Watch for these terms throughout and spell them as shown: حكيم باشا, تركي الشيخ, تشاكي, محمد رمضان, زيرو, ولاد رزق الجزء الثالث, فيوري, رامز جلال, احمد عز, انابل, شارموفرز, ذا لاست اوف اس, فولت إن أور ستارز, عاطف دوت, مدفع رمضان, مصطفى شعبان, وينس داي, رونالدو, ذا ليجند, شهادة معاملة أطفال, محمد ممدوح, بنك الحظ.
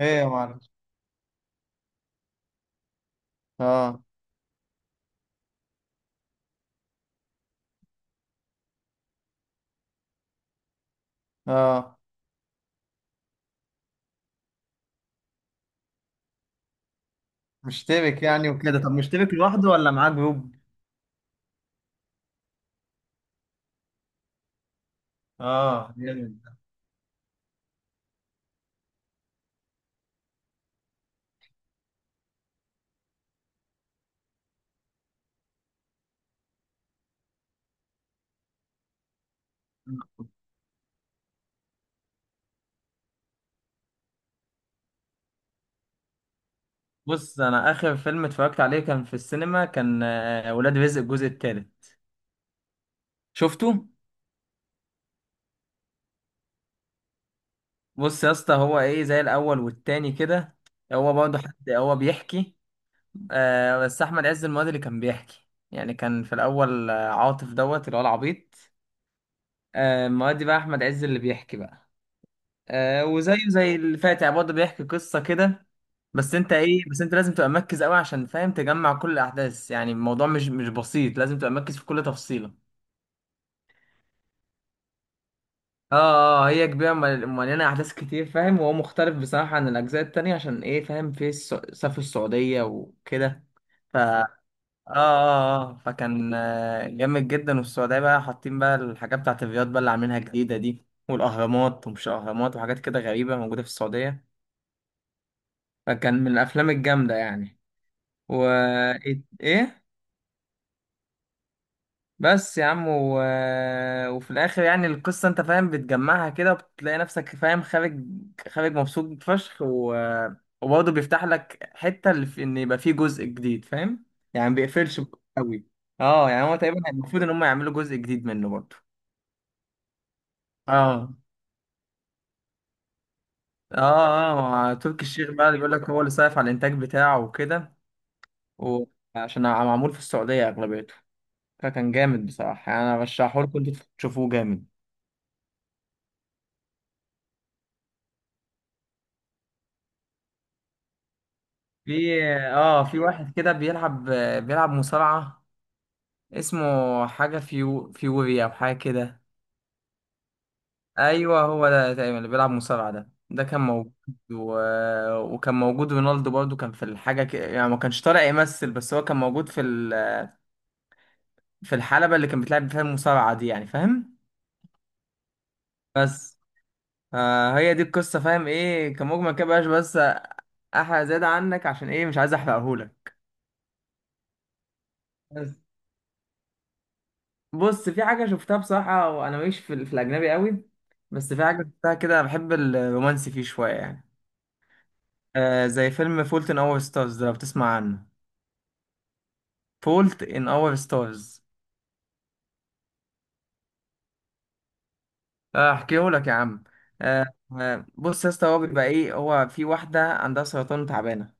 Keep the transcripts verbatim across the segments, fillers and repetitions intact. ايه يا معلم؟ اه، اه. مشترك يعني وكده. طب مشترك لوحده ولا معاه جروب؟ اه، جامد. بص، انا اخر فيلم اتفرجت عليه كان في السينما، كان آه، ولاد رزق الجزء الثالث. شفته؟ بص يا اسطى، هو ايه؟ زي الاول والتاني كده. هو برضه حد، هو بيحكي. آه بس احمد عز المواد اللي كان بيحكي، يعني كان في الاول آه، عاطف دوت اللي هو العبيط. آه المواد بقى احمد عز اللي بيحكي بقى. آه وزيه زي اللي فات، يعني برضه بيحكي قصة كده. بس انت ايه بس انت لازم تبقى مركز قوي عشان فاهم تجمع كل الاحداث. يعني الموضوع مش مش بسيط، لازم تبقى مركز في كل تفصيلة. اه، اه، هي كبيرة، مل- مليانة احداث كتير فاهم. وهو مختلف بصراحة عن الاجزاء التانية عشان ايه فاهم في الس- سافر السعودية وكده. ف اه اه، اه، فكان آه، جامد جدا. والسعودية بقى حاطين بقى الحاجات بتاعت الرياض بقى اللي عاملينها جديدة دي، والاهرامات ومش اهرامات، وحاجات كده غريبة موجودة في السعودية. فكان من الافلام الجامدة يعني. و ايه، إيه؟ بس يا عم و... وفي الاخر يعني القصه انت فاهم بتجمعها كده، وبتلاقي نفسك فاهم خارج خارج مبسوط فشخ و... وبرضه بيفتح لك حته، اللي في، ان يبقى فيه جزء جديد فاهم. يعني ما بيقفلش قوي. اه، يعني هو تقريبا المفروض ان هم يعملوا جزء جديد منه برضه. اه، اه، اه، مع تركي الشيخ بقى اللي بيقول لك هو اللي صايف على الانتاج بتاعه وكده. وعشان معمول في السعوديه اغلبيته. فكان جامد بصراحه، يعني انا برشحه لكم انتوا تشوفوه. جامد. في اه في واحد كده بيلعب، بيلعب مصارعة. اسمه حاجة فيو فيوري أو حاجة كده. أيوه، هو ده تقريبا اللي بيلعب مصارعة ده ده كان موجود و... وكان موجود رونالدو برضو، كان في الحاجة كده يعني ما كانش طالع يمثل، بس هو كان موجود في ال... في الحلبة اللي كان بتلعب فيها المصارعة دي يعني فاهم. بس آه هي دي القصة فاهم ايه كمجمل كده بقاش بس. أحرق زيادة عنك عشان ايه مش عايز أحرقهولك. بص في حاجة شفتها بصراحة، وأنا ماليش في, ال- في الأجنبي قوي. بس في حاجة شفتها كده، بحب الرومانسي فيه شوية يعني. آه زي فيلم فولت إن أور ستارز ده لو بتسمع عنه. فولت إن أور ستارز. آه، أحكيه لك يا عم. آه. آه، بص يا اسطى، هو بيبقى إيه، هو في واحدة عندها سرطان تعبانة.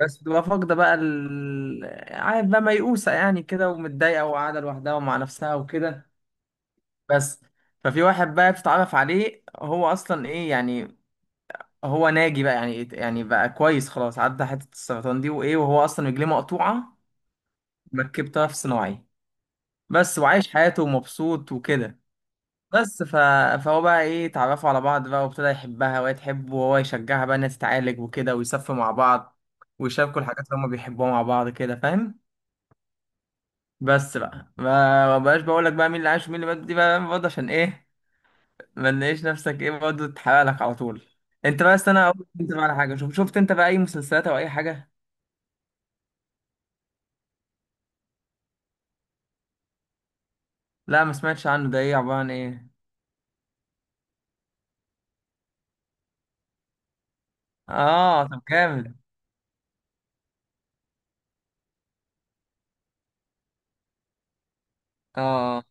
بس بتبقى فاقدة بقى ال... عارف بقى ميؤوسة يعني كده، ومتضايقة وقاعدة لوحدها ومع نفسها وكده. بس ففي واحد بقى بتتعرف عليه. هو اصلا ايه يعني، هو ناجي بقى يعني يعني بقى كويس خلاص، عدى حته السرطان دي وايه، وهو اصلا رجليه مقطوعه، مركب طرف صناعي. بس وعايش حياته ومبسوط وكده. بس ف... فهو بقى ايه اتعرفوا على بعض بقى، وابتدى يحبها وهي تحبه، وهو يشجعها بقى انها تتعالج وكده، ويسافروا مع بعض، ويشاركوا الحاجات اللي هما بيحبوها مع بعض كده فاهم. بس بقى ما ما بقاش بقول لك بقى مين اللي عاش ومين اللي مات دي بقى برضه عشان ايه، ما نلاقيش نفسك ايه برضه تحرق لك على طول. انت بس انا اقول انت بقى على حاجه، شوف شفت انت بقى اي مسلسلات او اي حاجه؟ لا ما سمعتش عنه، ده ايه عبارة عن ايه؟ اه، طب جامد. اه، اه،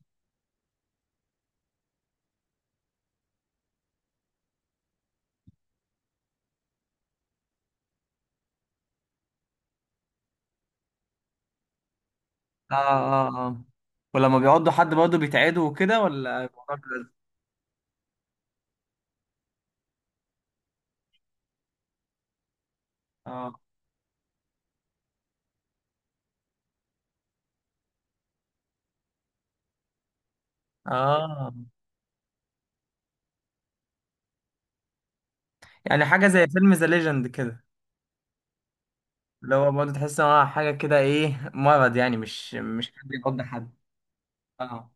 اه، اه، ولما بيقعدوا حد برضه بيتعدوا وكده، ولا الموضوع بيبقى- اه، اه، يعني حاجة زي فيلم ذا ليجند كده، اللي هو برضه تحس ان هو حاجة كده، ايه مرض يعني، مش مش حد يقضي حد. اه.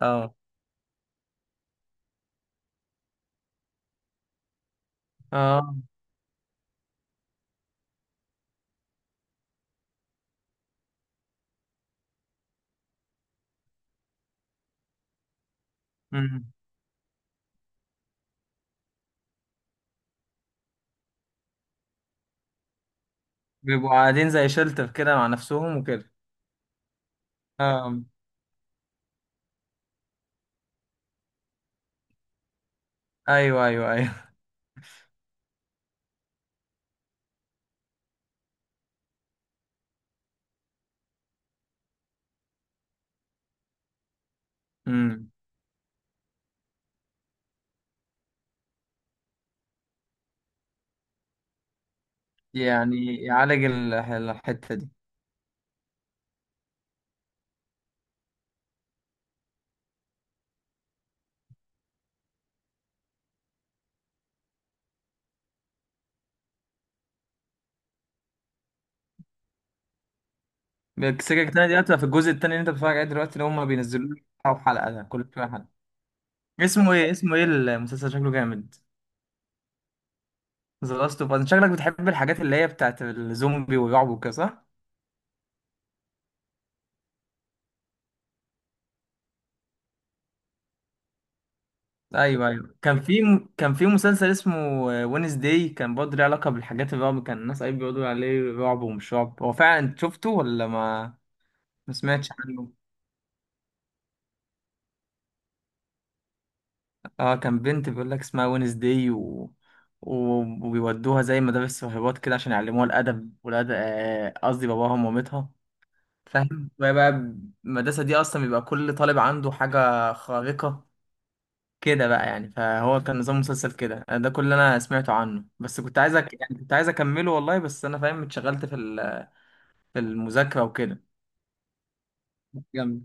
اه، اه، امم. بيبقوا قاعدين زي شلتر كده مع نفسهم وكده. اه، ايوه، ايوه، ايوه. امم. يعني يعالج ال- الحتة دي. السكك التانية دي هتبقى في الجزء التاني اللي انت بتتفرج عليه دلوقتي، اللي هما بينزلوا لك أو حلقة ده كل شوية حلقة؟ اسمه ايه، اسمه ايه المسلسل، شكله جامد. ذا لاست اوف اس. شكلك بتحب الحاجات اللي هي بتاعت الزومبي والرعب وكده صح؟ ايوه، ايوه، كان في كان في مسلسل اسمه وينس داي، كان برضه ليه علاقة بالحاجات الرعب، كان الناس قايل بيقولوا عليه رعب ومش رعب. هو فعلا انت شفته ولا ما؟ ما سمعتش عنه؟ اه، كان بنت بيقول لك اسمها وينزداي و... و... وبيودوها زي مدارس راهبات كده عشان يعلموها الادب والادب آه، قصدي باباهم ومامتها فاهم. وهي بقى المدرسه دي اصلا بيبقى كل طالب عنده حاجه خارقه كده بقى يعني. فهو كان نظام مسلسل كده، آه، ده كل اللي انا سمعته عنه، بس كنت عايزك يعني كنت عايز اكمله والله، بس انا فاهم اتشغلت في ال... في المذاكره وكده. جامد.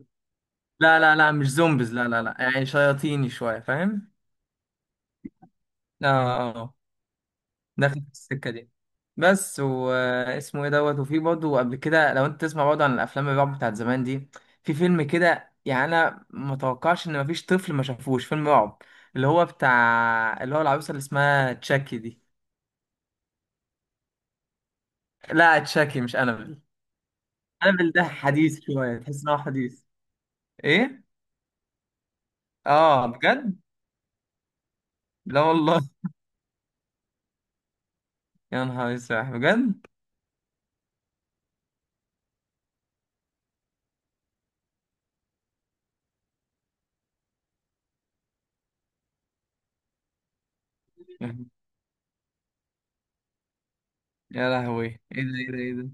لا، لا، لا، مش زومبيز، لا، لا، لا، يعني شياطيني شويه فاهم. اه، آه، آه. داخل في السكة دي. بس واسمه ايه دوت، وفي برضه قبل كده لو انت تسمع برضه عن الافلام الرعب بتاعت زمان دي، في فيلم كده يعني انا ما توقعش ان مفيش طفل ما شافوش فيلم رعب، اللي هو بتاع اللي هو العروسة اللي اسمها تشاكي دي. لا، تشاكي مش انابل. انابل ده حديث شوية، تحس ان هو حديث. ايه؟ اه، بجد؟ لا والله! يا نهار اسود، بجد! يا لهوي! ايه ده، ايه ده، ايه ده!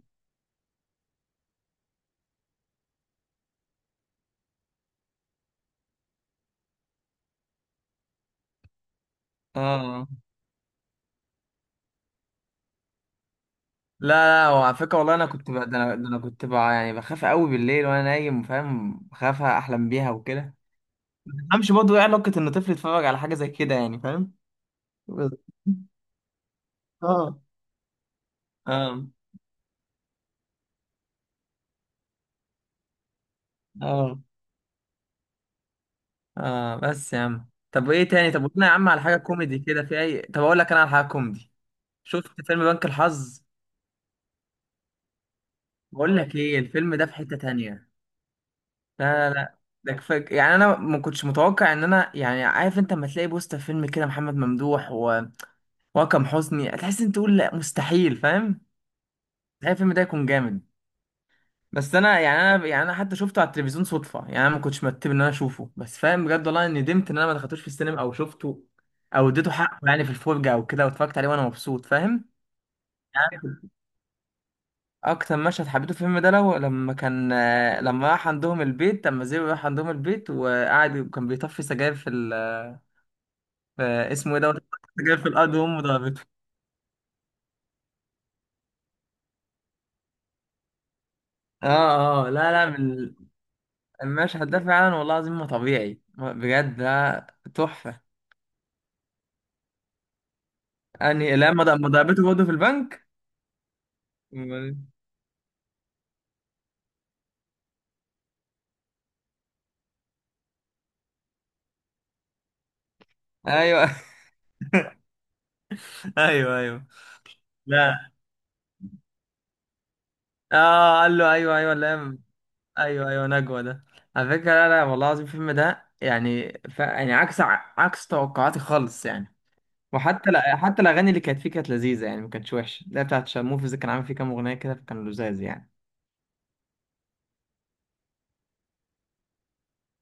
اه، لا، لا، هو على فكرة والله أنا كنت ب... ده أنا... ده أنا كنت ب... يعني بخاف قوي بالليل وأنا نايم فاهم، بخاف أحلم بيها وكده. ما تفهمش برضه إيه علاقة إن طفل يتفرج على حاجة زي كده يعني فاهم. بس- اه، اه، اه، اه، بس يا عم، طب إيه تاني، طب قلنا يا عم على حاجة كوميدي كده في أي. طب أقول لك أنا على حاجة كوميدي. شفت فيلم بنك الحظ؟ بقول لك إيه، الفيلم ده في حتة تانية. لا، لا، لا، ده كفاك يعني، انا ما كنتش متوقع ان انا، يعني عارف انت لما تلاقي بوستر فيلم كده محمد ممدوح واكرم حسني، هتحس انت تقول لا مستحيل فاهم، مستحيل الفيلم ده يكون جامد. بس انا يعني انا يعني انا حتى شفته على التلفزيون صدفه، يعني انا ما كنتش مرتب ان انا اشوفه، بس فاهم بجد والله إني ندمت ان انا ما دخلتوش في السينما او شفته، او اديته حقه يعني في الفرجه او كده، واتفرجت عليه وانا مبسوط فاهم. يعني اكتر مشهد حبيته في الفيلم ده لو لما كان آه، لما راح عندهم البيت لما زيرو راح عندهم البيت وقعد وكان بيطفي سجاير في, ال... في، اسمه ايه دوت، سجاير في الارض وامه ضربته. اه، اه، لا، لا، من المشهد ده فعلا والله العظيم ما طبيعي بجد ده. تحفة. يعني لما ض- ما ضربته برضه في البنك. أمال؟ إيه؟ ايوه. ايوه، ايوه، لا. اه، قال له ايوه، ايوه، لا. ايوه، ايوه، نجوى ده. على فكرة، لا، لا، والله العظيم الفيلم ده يعني ف... يعني عكس ع- عكس توقعاتي خالص يعني. وحتى لا حتى الاغاني اللي كانت فيه كانت لذيذة، يعني ما كانتش وحشة، اللي هي بتاعت شارموفرز كان عامل فيه كام اغنية كده فكان لذاذ يعني.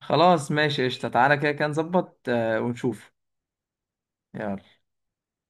خلاص ماشي قشطة، تعالى كده كده نظبط آه، ونشوف. يلا.